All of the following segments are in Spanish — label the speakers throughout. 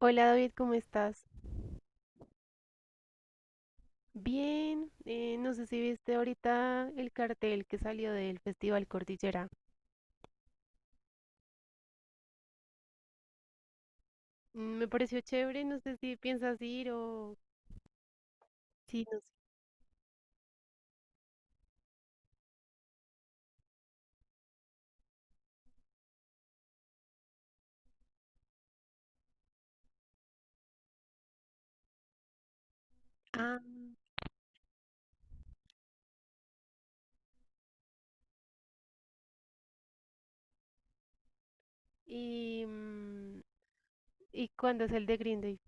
Speaker 1: Hola David, ¿cómo estás? Bien, no sé si viste ahorita el cartel que salió del Festival Cordillera. Mm, me pareció chévere, no sé si piensas ir o sí. No sé. Ah, y, ¿y cuándo es el de Green Day?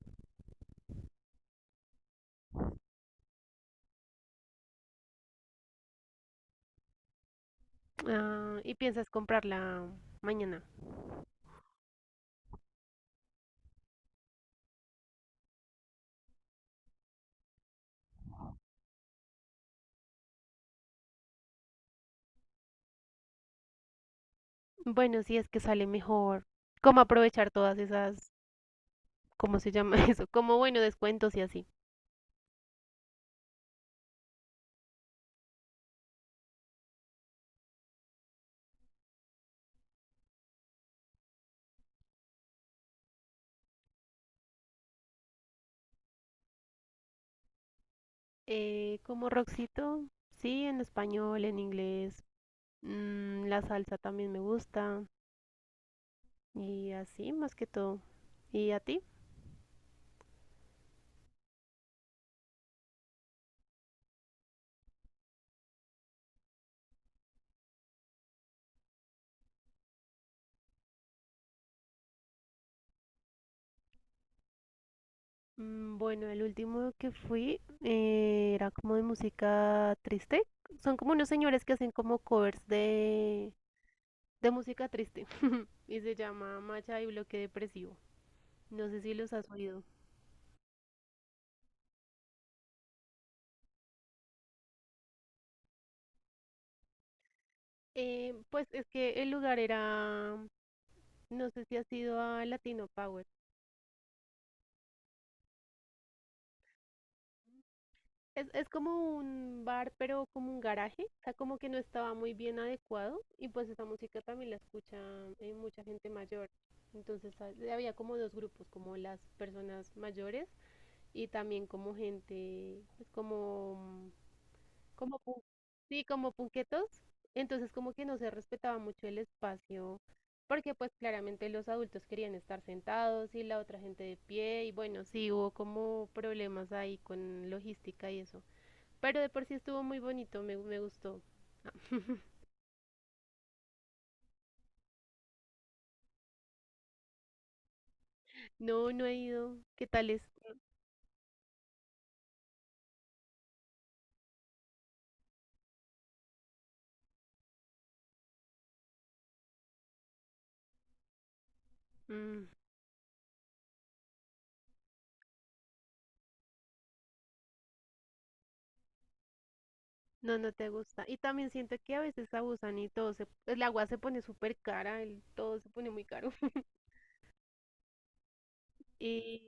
Speaker 1: Ah, ¿y piensas comprarla mañana? Bueno, si es que sale mejor. ¿Cómo aprovechar todas esas, cómo se llama eso? Como bueno, descuentos y así. Como Roxito, sí, en español, en inglés. Mm, la salsa también me gusta y así más que todo. ¿Y a ti? Mm, bueno, el último que fui era como de música triste. Son como unos señores que hacen como covers de música triste y se llama Macha y Bloque Depresivo. No sé si los has oído. Pues es que el lugar era, no sé si has ido a Latino Power. Es como un bar, pero como un garaje, o sea, como que no estaba muy bien adecuado y pues esa música también la escucha mucha gente mayor. Entonces ah, había como dos grupos, como las personas mayores y también como gente, pues como, sí, como punquetos. Entonces como que no se respetaba mucho el espacio, porque pues claramente los adultos querían estar sentados y la otra gente de pie y bueno, sí hubo como problemas ahí con logística y eso. Pero de por sí estuvo muy bonito, me gustó. Ah, no, no he ido. ¿Qué tal es? Mm, no, no te gusta. Y también siento que a veces abusan y todo se, el agua se pone súper cara, el, todo se pone muy caro. Y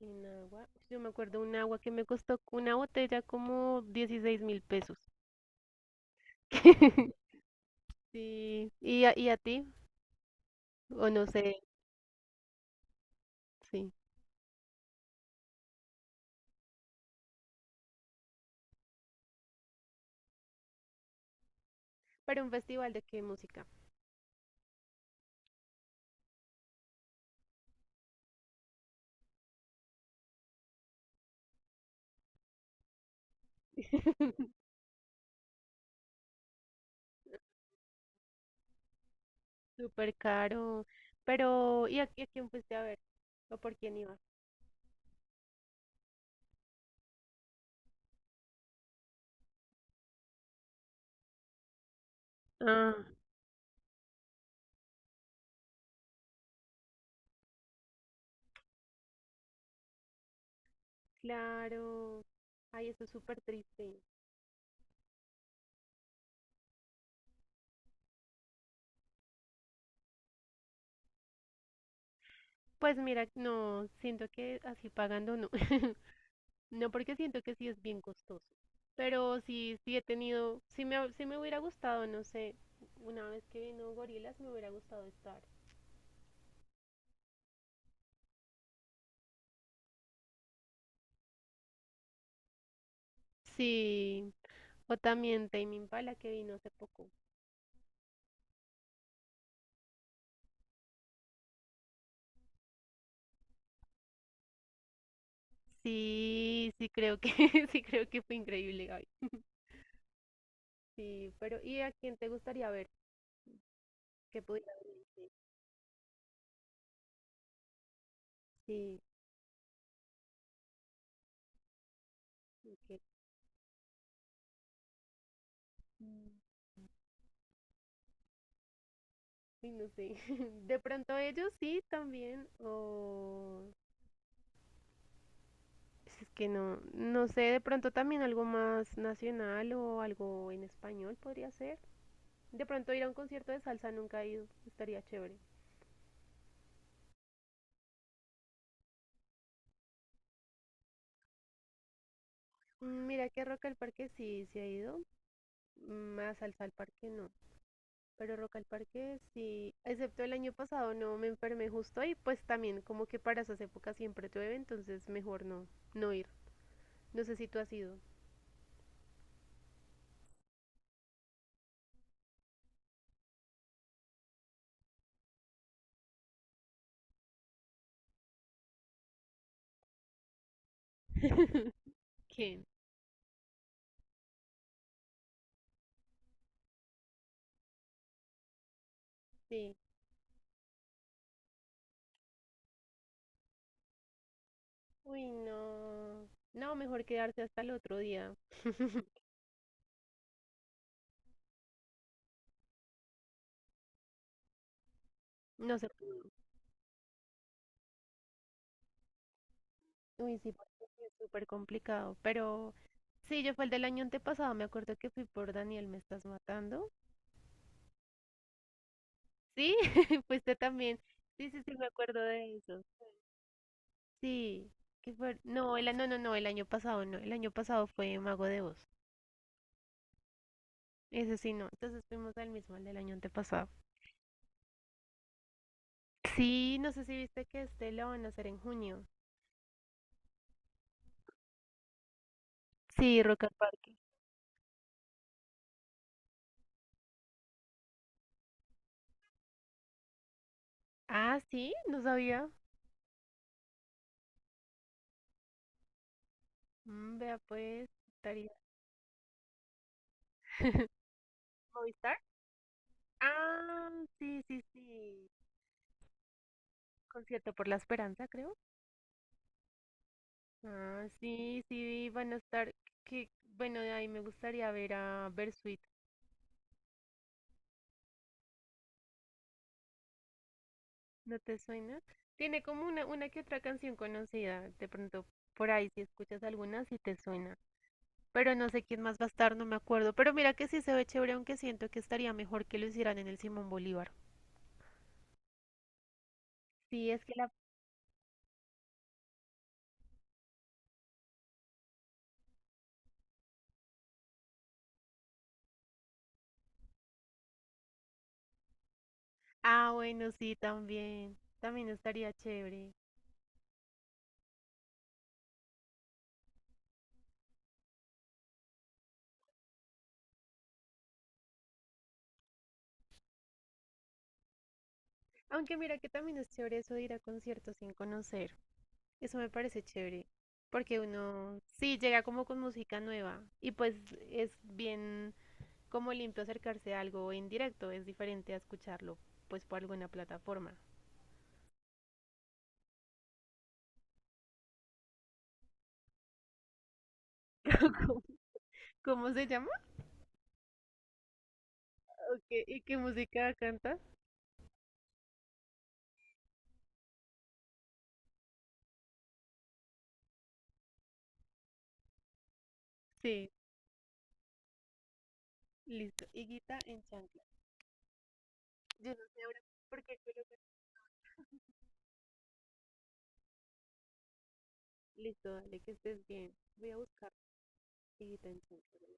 Speaker 1: en agua, yo me acuerdo un agua que me costó una botella como 16.000 pesos. Sí, y a ti? O no sé, sí. Pero un festival de qué música. Súper caro. Pero, y a quién fuiste a ver? ¿O por quién ibas? Ah, claro. Ay, eso es súper triste. Pues mira, no, siento que así pagando no. No, porque siento que sí es bien costoso. Pero sí, sí he tenido, sí sí me hubiera gustado, no sé, una vez que vino Gorillaz me hubiera gustado estar. Sí, o también Tame Impala que vino hace poco. Sí, sí creo que, sí creo que fue increíble, Gaby. Sí, pero ¿y a quién te gustaría ver? ¿Qué pudiera ver? Sí, sí, ok. Uy, no sé. De pronto ellos sí también. O es que no, no sé, de pronto también algo más nacional o algo en español podría ser. De pronto ir a un concierto de salsa nunca he ido, estaría chévere. Mm, mira que Rock al Parque sí, sí ha ido. Más salsa al parque no. Pero Rock al Parque sí, excepto el año pasado no me enfermé justo y pues también como que para esas épocas siempre llueve, entonces mejor no, no ir. No sé si tú has ido. ¿Quién? Sí. Uy, no. No, mejor quedarse hasta el otro día. No se pudo. Uy, sí, porque sí es súper complicado. Pero sí, yo fue el del año antepasado. Me acuerdo que fui por Daniel, ¿me estás matando? Sí, fuiste también. Sí, sí, sí, me acuerdo de eso. Sí, que fue. No, no, no, no, el año pasado no. El año pasado fue Mago de Oz. Ese sí, no. Entonces fuimos al mismo, al del año antepasado. Sí, no sé si viste que este lo van a hacer en junio. Sí, Rock al Parque. Ah, sí, no sabía. Mm, vea pues, estaría. ¿Movistar? Ah, sí, sí, sí. Concierto por la Esperanza, creo. Ah, sí, sí, van a estar. Que, bueno, de ahí me gustaría ver a Bersuit. ¿No te suena? Tiene como una que otra canción conocida. De pronto, por ahí, si escuchas alguna, sí te suena. Pero no sé quién más va a estar, no me acuerdo. Pero mira que sí se ve chévere, aunque siento que estaría mejor que lo hicieran en el Simón Bolívar. Sí, es que la... Ah, bueno, sí, también. También estaría chévere. Aunque mira que también es chévere eso de ir a conciertos sin conocer. Eso me parece chévere. Porque uno sí llega como con música nueva y pues es bien como limpio acercarse a algo en directo, es diferente a escucharlo pues por alguna plataforma. ¿Cómo se llama? ¿O qué- ¿Y qué música canta? Sí, listo. Higuita en chanclas. Yo no sé ahora por qué colocan- Listo, dale, que estés bien. Voy a buscar Higuita en chanclas.